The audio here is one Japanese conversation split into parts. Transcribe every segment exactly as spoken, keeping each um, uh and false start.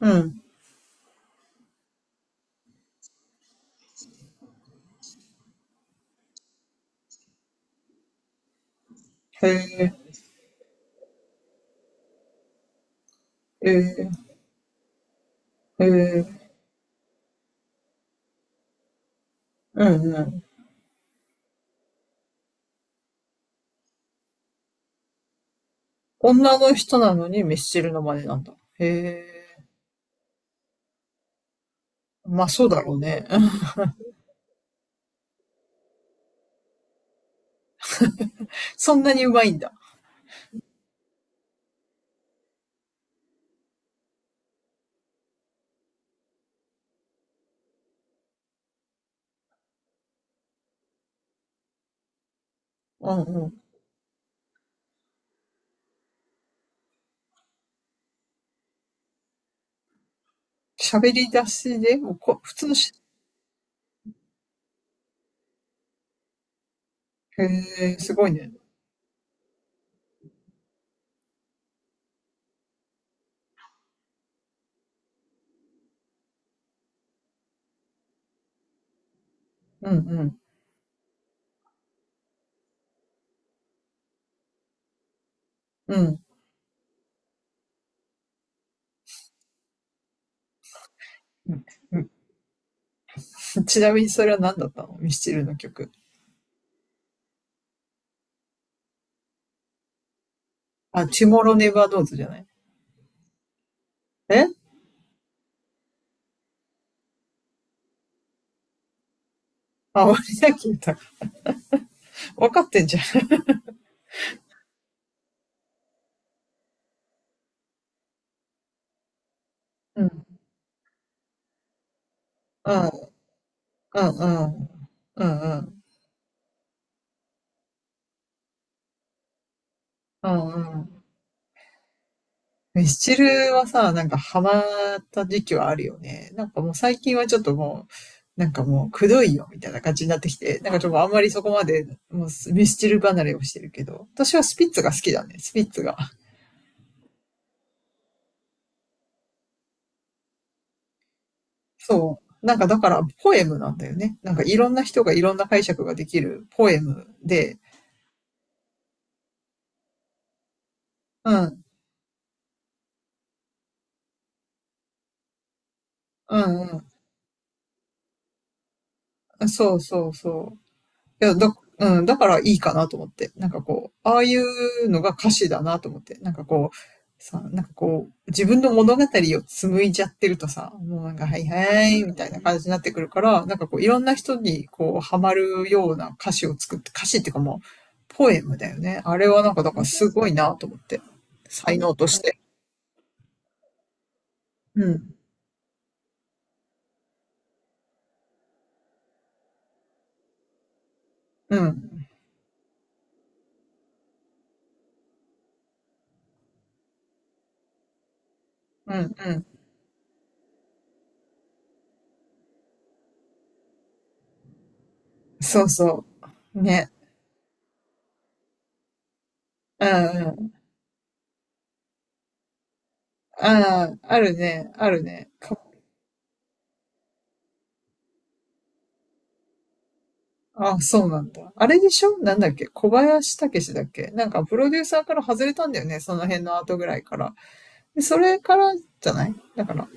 うん。へえ、へえ、ええ、うんうん。女の人なのにミスチルの真似なんだ。へえ、まあそうだろうね。そんなにうまいんだ。うんうん。喋り出しで、もうこ普通のし、へえ、すごいね。うんうん、うん。うん。 ちなみにそれは何だったのミスチルの曲？あ、チモロネバードーズじゃない？え、あ、俺だけ言った。分かってんじゃん。うん。うん、うん、うん。うん、うん、うん、うん。ミスチルはさ、なんかハマった時期はあるよね。なんかもう最近はちょっともう、なんかもうくどいよみたいな感じになってきて、なんかちょっとあんまりそこまでもうミスチル離れをしてるけど、私はスピッツが好きだね、スピッツが。そう。なんかだからポエムなんだよね。なんかいろんな人がいろんな解釈ができるポエムで、うん、うん、うん。そうそうそう。いや、だ、うん、だからいいかなと思って。なんかこう、ああいうのが歌詞だなと思って。なんかこう、さ、なんかこう、自分の物語を紡いじゃってるとさ、もうなんか、はいはい、みたいな感じになってくるから、なんかこう、いろんな人にこう、ハマるような歌詞を作って、歌詞っていうかもう、ポエムだよね。あれはなんか、だからすごいなと思って。才能として。うん、うん、うん、うん。そうそう。ね。うん、うん。ああ、あるね、あるね。あ、そうなんだ。あれでしょ、なんだっけ、小林武史だっけ、なんかプロデューサーから外れたんだよね。その辺の後ぐらいから。で、それからじゃないだから、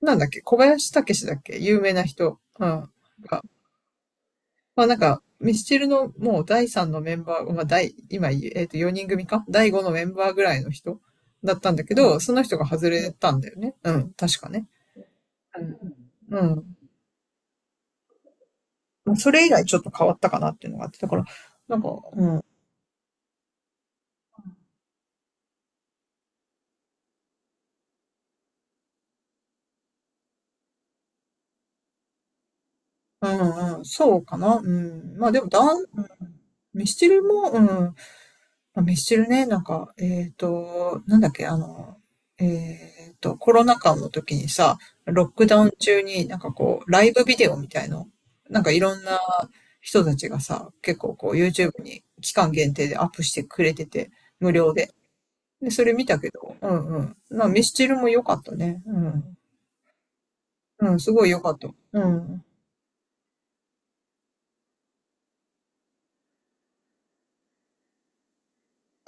なんだっけ、小林武史だっけ、有名な人。うん。が、まあなんか、ミスチルのもうだいさんのメンバー、まあ第、今、えっとよにん組かだいごのメンバーぐらいの人だったんだけど、その人が外れたんだよね。うん、確かね。うん。まあそれ以来ちょっと変わったかなっていうのがあって、だから、なんか、うん。うんうん、そうかな。うん。まあでも、だん、うん、ミスチルも、うん。まあ、ミスチルね、なんか、えっと、なんだっけ、あの、えっと、コロナ禍の時にさ、ロックダウン中になんかこう、ライブビデオみたいの、なんかいろんな人たちがさ、結構こう、YouTube に期間限定でアップしてくれてて、無料で。で、それ見たけど、うんうん。まあ、ミスチルも良かったね。うん。うん、すごい良かった。うん。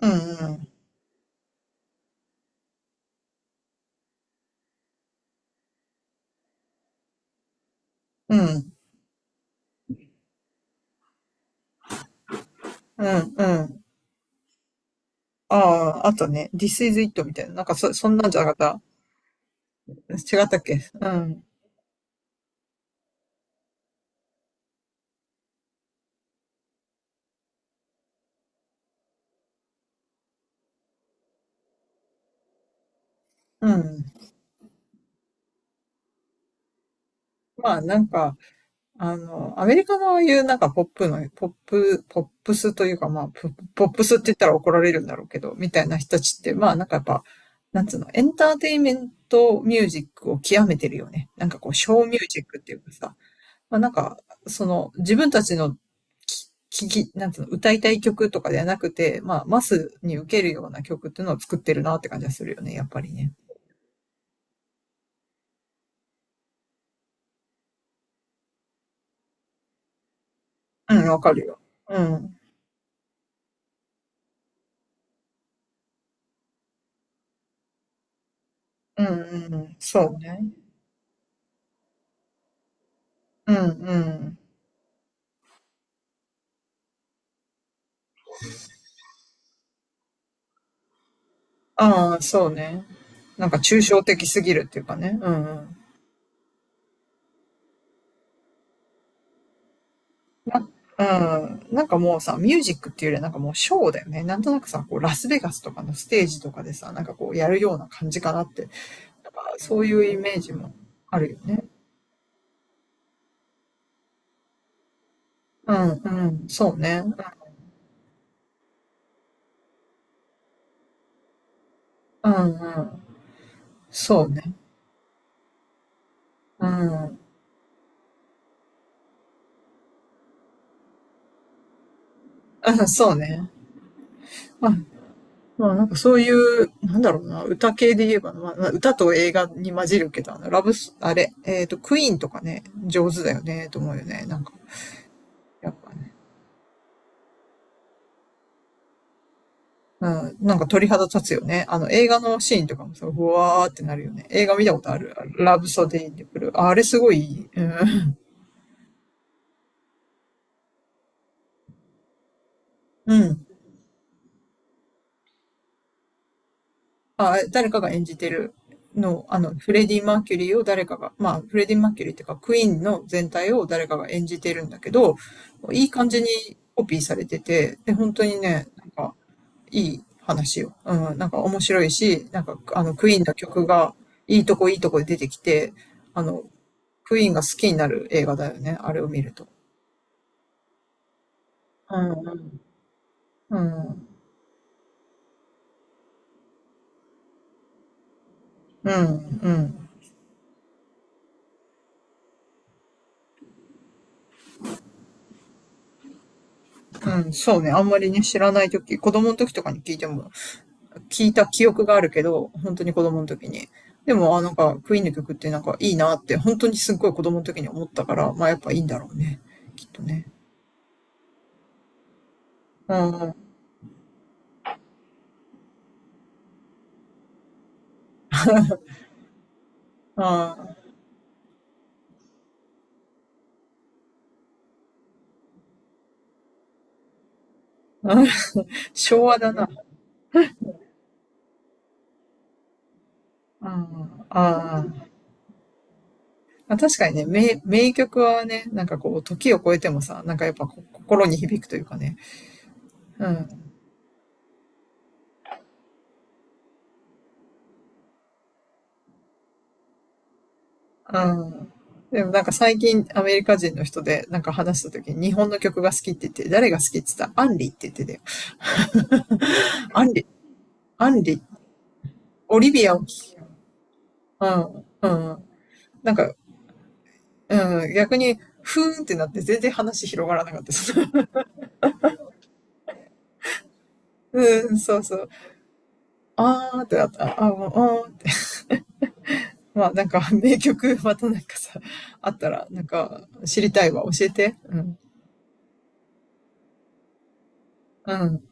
うんうん。うん。うんうん。ああ、あとね。This is it みたいな。なんかそ、そんなんじゃなかった。違ったっけ？うん。うん。まあなんか、あの、アメリカのいうなんかポップの、ポップ、ポップスというかまあ、ポポップスって言ったら怒られるんだろうけど、みたいな人たちって、まあなんかやっぱ、なんつうの、エンターテインメントミュージックを極めてるよね。なんかこう、ショーミュージックっていうかさ、まあ、なんか、その、自分たちのき、聞き、なんつうの、歌いたい曲とかではなくて、まあ、マスに受けるような曲っていうのを作ってるなって感じがするよね、やっぱりね。うん、わかるよ。うん。うんうんうん。そうね。うんうん。ああ、そうね。なんか抽象的すぎるっていうかね。うんうん。な、うん。なんかもうさ、ミュージックっていうよりはなんかもうショーだよね。なんとなくさ、こう、ラスベガスとかのステージとかでさ、なんかこう、やるような感じかなって。なんかそういうイメージもあるよね。うん、うん、そうね。うん、うん、そうね。うん、うん、そうね。まあ、まあ、なんかそういう、なんだろうな、歌系で言えば、まあ、まあ歌と映画に混じるけど、あの、ラブス、あれ、えっと、クイーンとかね、上手だよね、と思うよね。なんか、やっぱね。うん、なんか鳥肌立つよね。あの、映画のシーンとかもさ、うわーってなるよね。映画見たことある？ラブソデインで来る。ああれすごいいい。うん。うん。あ、誰かが演じてるの、あの、フレディ・マーキュリーを誰かが、まあ、フレディ・マーキュリーっていうか、クイーンの全体を誰かが演じてるんだけど、いい感じにコピーされてて、で、本当にね、なんか、いい話よ。うん、なんか面白いし、なんか、あの、クイーンの曲が、いいとこいいとこで出てきて、あの、クイーンが好きになる映画だよね、あれを見ると。うん、うん、うん、うん、うん、そうね、あんまりね、知らない時子供の時とかに聞いても、聞いた記憶があるけど、本当に子供の時に。でも、あ、なんか、クイーンの曲ってなんかいいなって、本当にすっごい子供の時に思ったから、まあやっぱいいんだろうね。きっとね。うんうん。ああ、昭和だな。うん、ああ、確かにね、名、名曲はね、なんかこう、時を超えてもさ、なんかやっぱこ心に響くというかね。うん、うん。でもなんか最近アメリカ人の人でなんか話した時に日本の曲が好きって言って、誰が好きって言ったらアンリって言ってたよ。アンリ、アンリ、オリビアを聞きよう。うん、うん。なんか、うん、逆に、ふーんってなって全然話広がらなかったです。うん、そうそう。あーってなった。あーもう、あーって。まあなんか、名曲またなんかさ、あったら、なんか、知りたいわ。教えて。うん。うん。